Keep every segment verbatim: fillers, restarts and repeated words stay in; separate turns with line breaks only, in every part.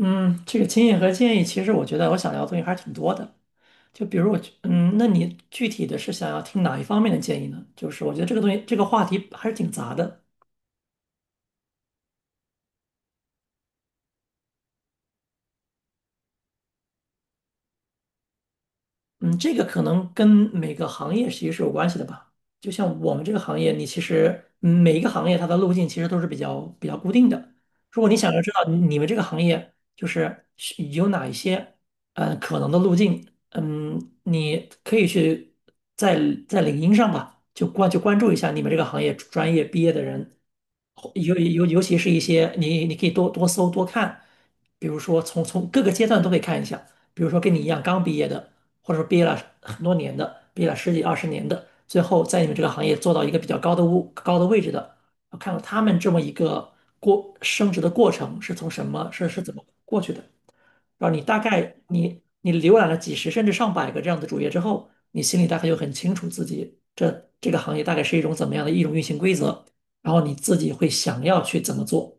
嗯，这个经验和建议，其实我觉得我想聊的东西还是挺多的。就比如我，嗯，那你具体的是想要听哪一方面的建议呢？就是我觉得这个东西，这个话题还是挺杂的。嗯，这个可能跟每个行业其实是有关系的吧。就像我们这个行业，你其实嗯每一个行业它的路径其实都是比较比较固定的。如果你想要知道你你们这个行业就是是有哪一些嗯可能的路径，嗯，你可以去在在领英上吧，就关就关注一下你们这个行业专业毕业的人，尤尤尤其是一些你你可以多多搜多看，比如说从从各个阶段都可以看一下，比如说跟你一样刚毕业的。或者说毕业了很多年的，毕业了十几二十年的，最后在你们这个行业做到一个比较高的物高的位置的，我看到他们这么一个过升职的过程是从什么是是怎么过去的，然后你大概你你浏览了几十甚至上百个这样的主页之后，你心里大概就很清楚自己这这个行业大概是一种怎么样的一种运行规则，然后你自己会想要去怎么做。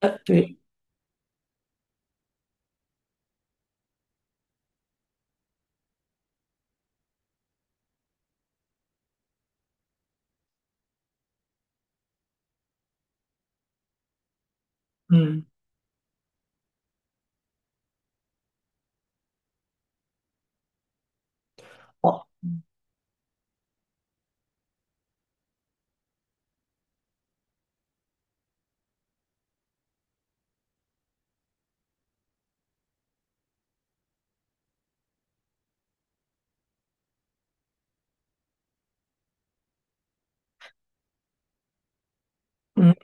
呃，对。嗯，好，嗯。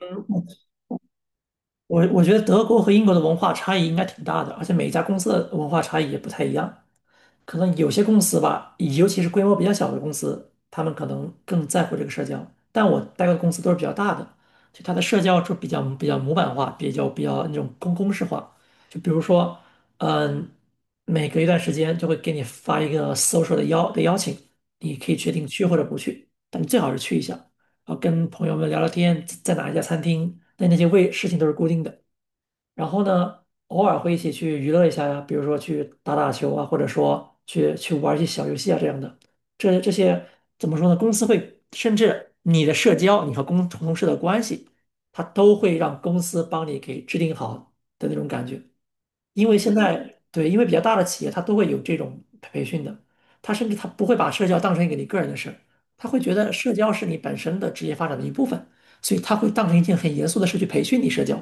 我我觉得德国和英国的文化差异应该挺大的，而且每一家公司的文化差异也不太一样。可能有些公司吧，尤其是规模比较小的公司，他们可能更在乎这个社交。但我待过的公司都是比较大的，就它的社交就比较比较模板化，比较比较那种公公式化。就比如说，嗯，每隔一段时间就会给你发一个 social 的邀的邀请，你可以决定去或者不去，但你最好是去一下，然后跟朋友们聊聊天，在哪一家餐厅，那那些位事情都是固定的。然后呢，偶尔会一起去娱乐一下呀，比如说去打打球啊，或者说去去玩一些小游戏啊这样的。这这些怎么说呢？公司会甚至你的社交，你和公同事的关系，他都会让公司帮你给制定好的那种感觉。因为现在对，因为比较大的企业它都会有这种培训的，他甚至他不会把社交当成一个你个人的事儿，他会觉得社交是你本身的职业发展的一部分，所以他会当成一件很严肃的事去培训你社交。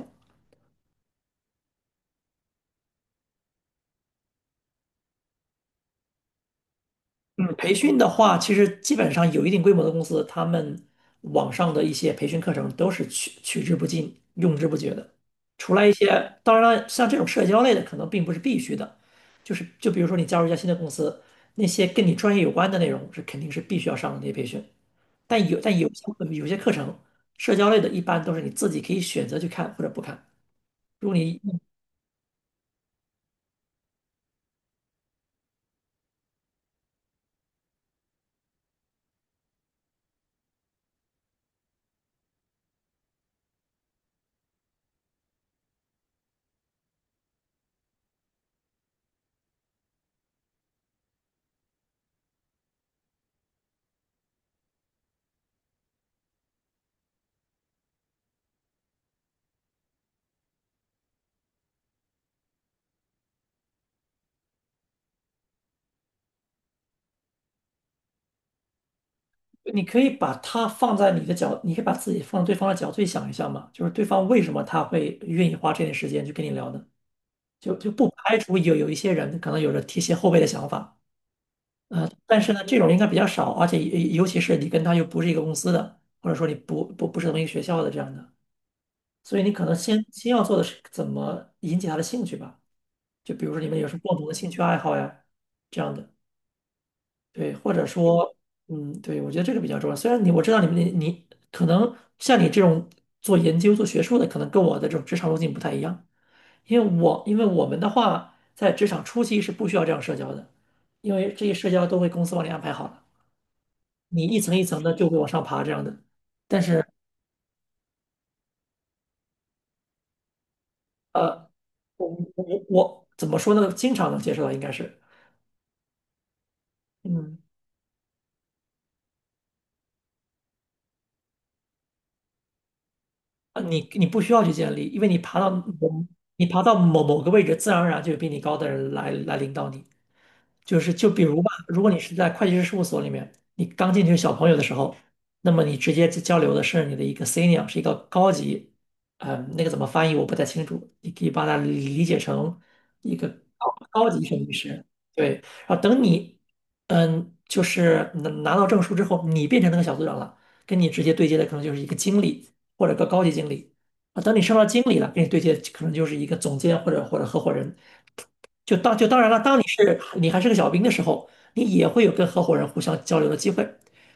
嗯，培训的话，其实基本上有一定规模的公司，他们网上的一些培训课程都是取取之不尽、用之不绝的。除了一些，当然了，像这种社交类的，可能并不是必须的，就是就比如说你加入一家新的公司，那些跟你专业有关的内容是肯定是必须要上的那些培训。但有但有些有些课程，社交类的，一般都是你自己可以选择去看或者不看。如果你你可以把他放在你的角，你可以把自己放在对方的角度去想一下嘛，就是对方为什么他会愿意花这点时间去跟你聊呢？就就不排除有有一些人可能有着提携后辈的想法，呃，但是呢，这种应该比较少，而且尤尤其是你跟他又不是一个公司的，或者说你不不不是同一个学校的这样的，所以你可能先先要做的是怎么引起他的兴趣吧，就比如说你们有什么共同的兴趣爱好呀，这样的。对，或者说，嗯，对，我觉得这个比较重要。虽然你我知道你们你你可能像你这种做研究、做学术的，可能跟我的这种职场路径不太一样，因为我因为我们的话，在职场初期是不需要这样社交的，因为这些社交都会公司帮你安排好了，你一层一层的就会往上爬这样的。但是呃，我我怎么说呢？经常能接受到应该是，嗯，啊，你你不需要去建立，因为你爬到某你爬到某某个位置，自然而然就有比你高的人来来领导你。就是就比如吧，如果你是在会计师事务所里面，你刚进去小朋友的时候，那么你直接交流的是你的一个 senior,是一个高级，嗯，那个怎么翻译我不太清楚，你可以把它理解成一个高高级审计师，对。然后等你，嗯，就是拿拿到证书之后，你变成那个小组长了，跟你直接对接的可能就是一个经理或者个高级经理。啊，等你升到经理了，跟你对接可能就是一个总监或者或者合伙人。就当就当然了，当你是你还是个小兵的时候，你也会有跟合伙人互相交流的机会。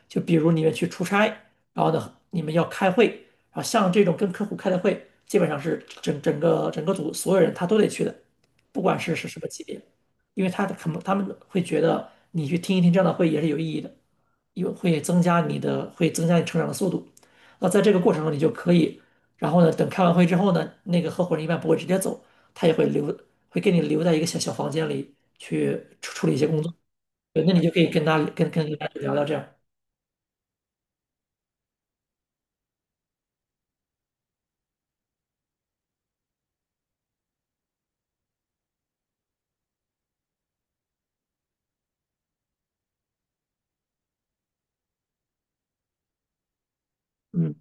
就比如你们去出差，然后呢，你们要开会，啊，像这种跟客户开的会，基本上是整整个整个组所有人他都得去的，不管是是什么级别，因为他可能他们会觉得你去听一听这样的会也是有意义的，有会增加你的会增加你成长的速度。那在这个过程中，你就可以，然后呢，等开完会之后呢，那个合伙人一般不会直接走，他也会留，会给你留在一个小小房间里去处处理一些工作。对，那你就可以跟他跟跟跟他聊聊这样。嗯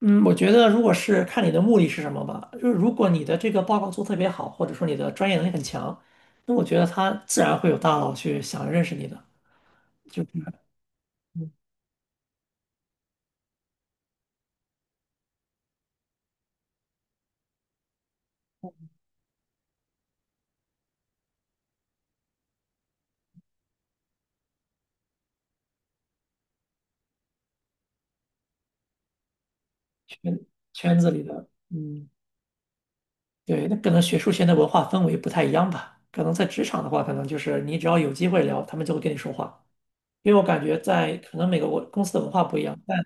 嗯，我觉得如果是看你的目的是什么吧，就是如果你的这个报告做得特别好，或者说你的专业能力很强，那我觉得他自然会有大佬去想认识你的，就是嗯圈圈子里的，嗯，对，那可能学术圈的文化氛围不太一样吧。可能在职场的话，可能就是你只要有机会聊，他们就会跟你说话。因为我感觉在可能每个国公司的文化不一样，但。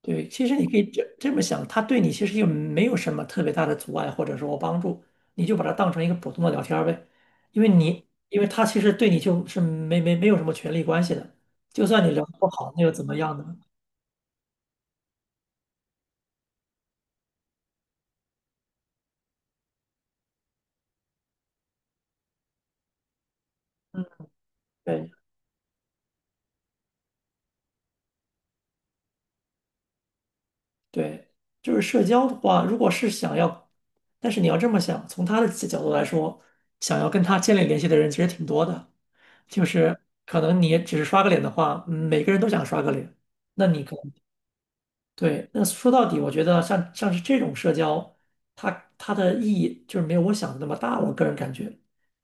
对，其实你可以这这么想，他对你其实又没有什么特别大的阻碍或者说帮助，你就把它当成一个普通的聊天儿呗，因为你因为他其实对你就是没没没有什么权利关系的，就算你聊得不好，那又怎么样呢？嗯，对对，就是社交的话，如果是想要，但是你要这么想，从他的角度来说，想要跟他建立联系的人其实挺多的，就是可能你只是刷个脸的话，嗯每个人都想刷个脸，那你可能。对，那说到底，我觉得像像是这种社交，它它的意义就是没有我想的那么大。我个人感觉，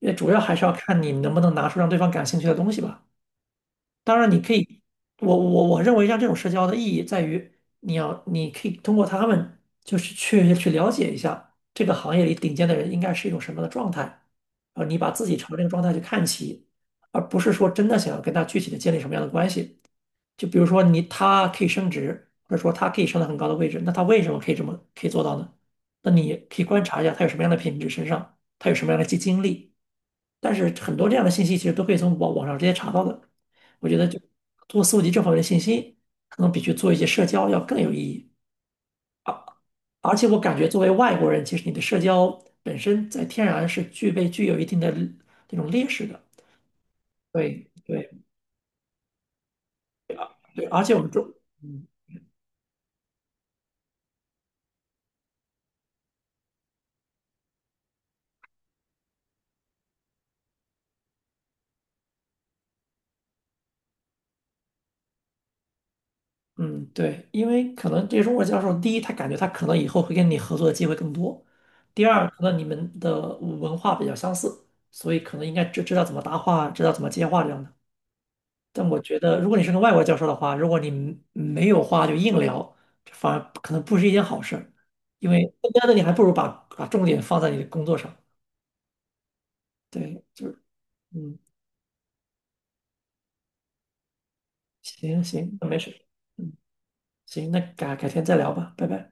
因为主要还是要看你能不能拿出让对方感兴趣的东西吧。当然，你可以，我我我认为像这种社交的意义在于，你要你可以通过他们，就是去去了解一下这个行业里顶尖的人应该是一种什么样的状态，而你把自己朝这个状态去看齐，而不是说真的想要跟他具体的建立什么样的关系。就比如说你他可以升职，或者说他可以升到很高的位置，那他为什么可以这么可以做到呢？那你可以观察一下他有什么样的品质身上，他有什么样的经经历。但是很多这样的信息其实都可以从网网上直接查到的。我觉得就通过搜集这方面的信息，可能比去做一些社交要更有意义。而且我感觉作为外国人，其实你的社交本身在天然是具备具有一定的那种劣势的。对对对，而且我们中。嗯，对，因为可能这个中国教授，第一，他感觉他可能以后会跟你合作的机会更多；第二，可能你们的文化比较相似，所以可能应该知知道怎么搭话，知道怎么接话这样的。但我觉得，如果你是个外国教授的话，如果你没没有话就硬聊，这反而可能不是一件好事儿，因为更加的你还不如把把重点放在你的工作上。对，就是嗯，行行，那没事，嗯，行，那改改天再聊吧，拜拜。